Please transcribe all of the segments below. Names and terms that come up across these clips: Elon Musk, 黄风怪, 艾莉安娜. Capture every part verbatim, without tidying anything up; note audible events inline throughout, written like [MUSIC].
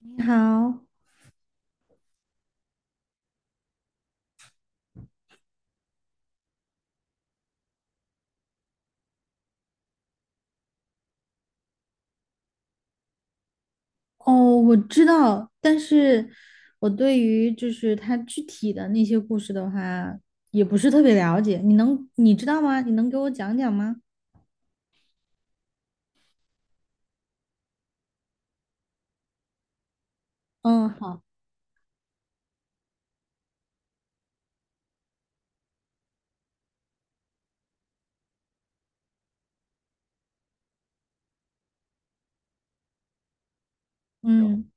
你好，哦，我知道，但是我对于就是它具体的那些故事的话，也不是特别了解。你能，你知道吗？你能给我讲讲吗？嗯，好，嗯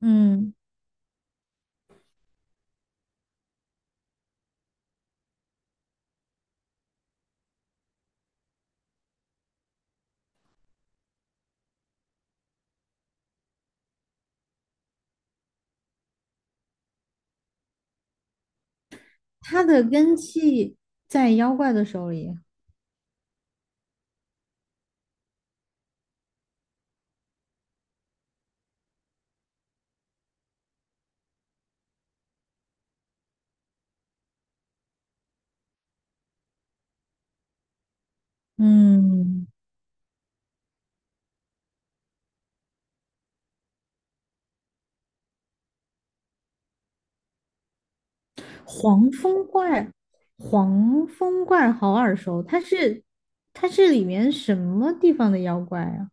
嗯，它的根系在妖怪的手里。嗯，黄风怪，黄风怪好耳熟，它是它是里面什么地方的妖怪啊？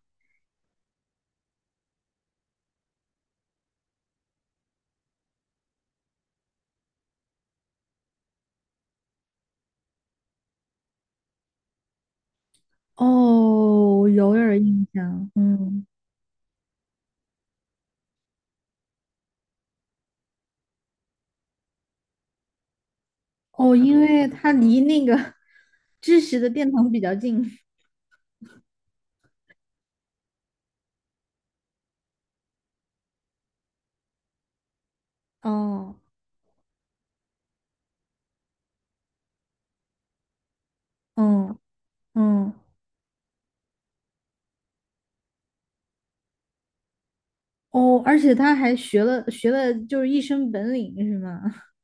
哦，我有点儿印象，嗯。哦，因为他离那个 [LAUGHS] 知识的殿堂比较近。[LAUGHS] 哦，嗯嗯，哦，而且他还学了学了，就是一身本领是吗？[LAUGHS]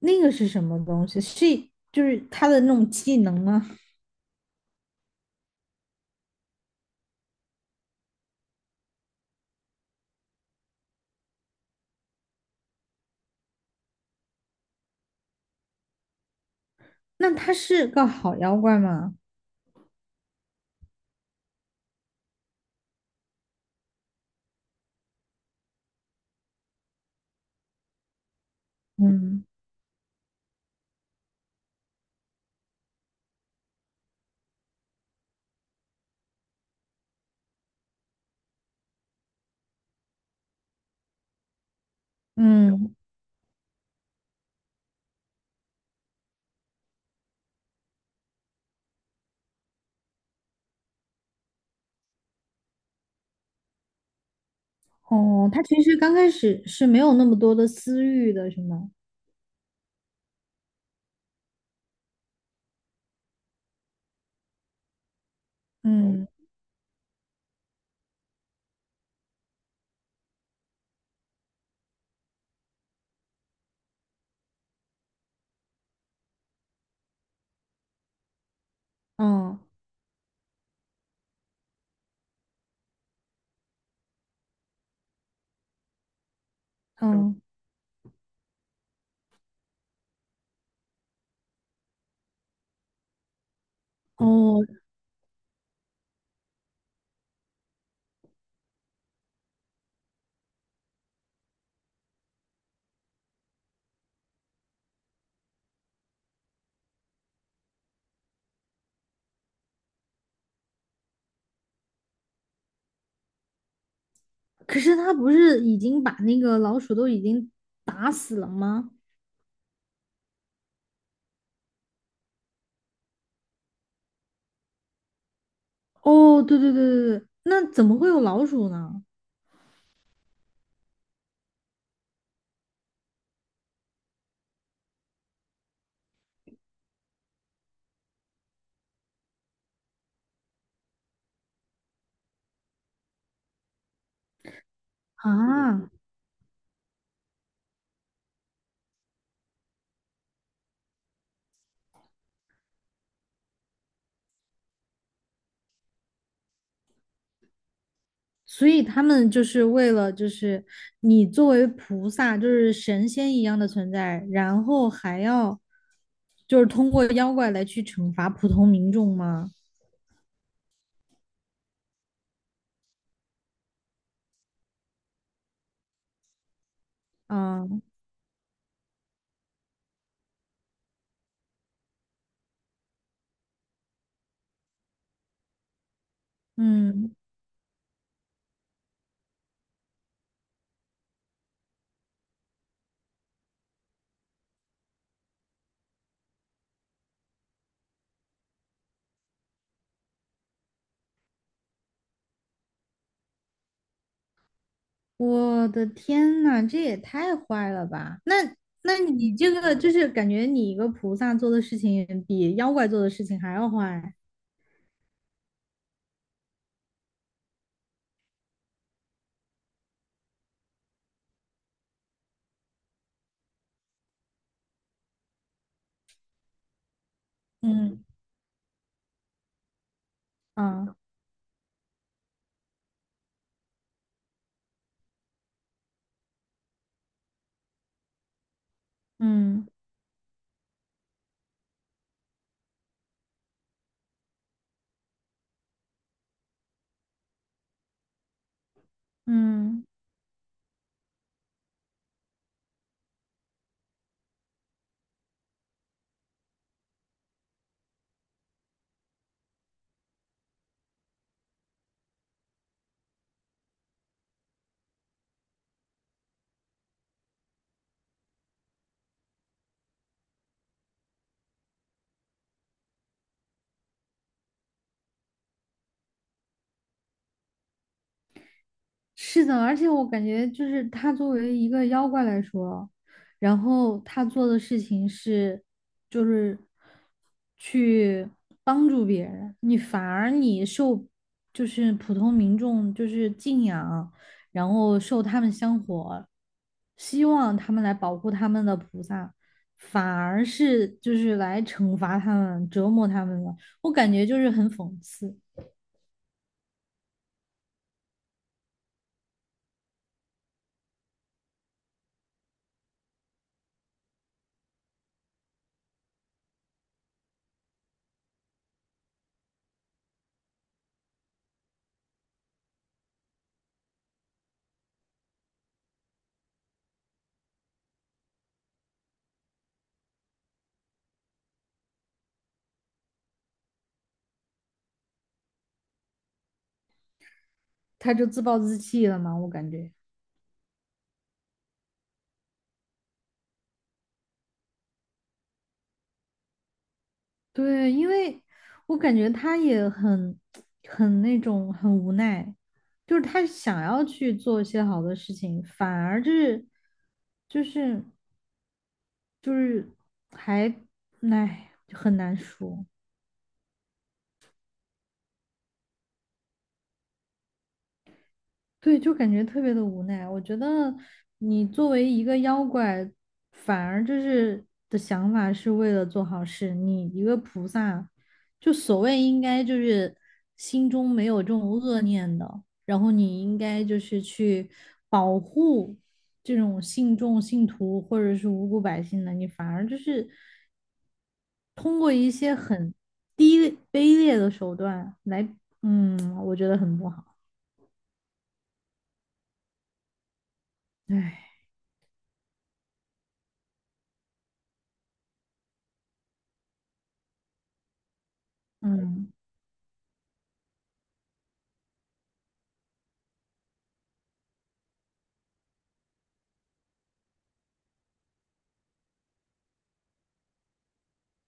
那个是什么东西？是就是他的那种技能吗？那他是个好妖怪吗？嗯嗯，哦，他其实刚开始是没有那么多的私欲的，是吗？嗯嗯嗯，哦，可是他不是已经把那个老鼠都已经打死了吗？哦，对对对对对，那怎么会有老鼠呢？啊，所以他们就是为了，就是你作为菩萨，就是神仙一样的存在，然后还要就是通过妖怪来去惩罚普通民众吗？啊，嗯，我的天呐，这也太坏了吧！那那你这个就是感觉你一个菩萨做的事情比妖怪做的事情还要坏。嗯啊，嗯嗯。是的，而且我感觉就是他作为一个妖怪来说，然后他做的事情是，就是去帮助别人，你反而你受就是普通民众就是敬仰，然后受他们香火，希望他们来保护他们的菩萨，反而是就是来惩罚他们、折磨他们了。我感觉就是很讽刺，他就自暴自弃了嘛，我感觉。对，因为我感觉他也很很那种很无奈，就是他想要去做一些好的事情，反而就是就是就是还唉就很难说。对，就感觉特别的无奈。我觉得你作为一个妖怪，反而就是的想法是为了做好事。你一个菩萨，就所谓应该就是心中没有这种恶念的，然后你应该就是去保护这种信众、信徒或者是无辜百姓的，你反而就是通过一些很低卑劣的手段来，嗯，我觉得很不好。唉，嗯。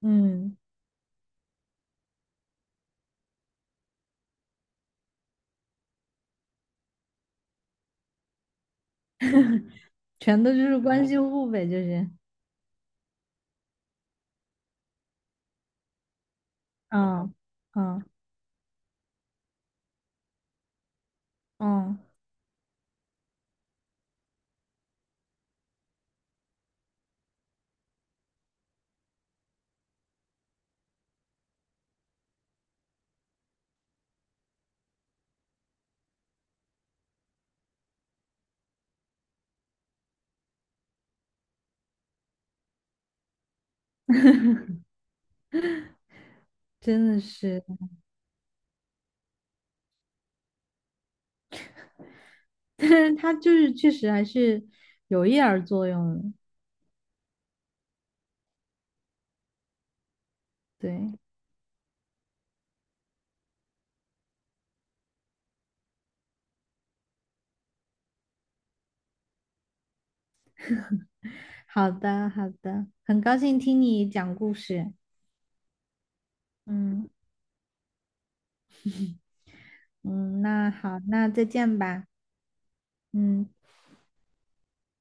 嗯，全都就是关系户呗，就是，嗯嗯嗯，真的是，[LAUGHS] 但是他就是确实还是有一点儿作用的。对，好的好的，很高兴听你讲故事，嗯嗯，那好，那再见吧，嗯。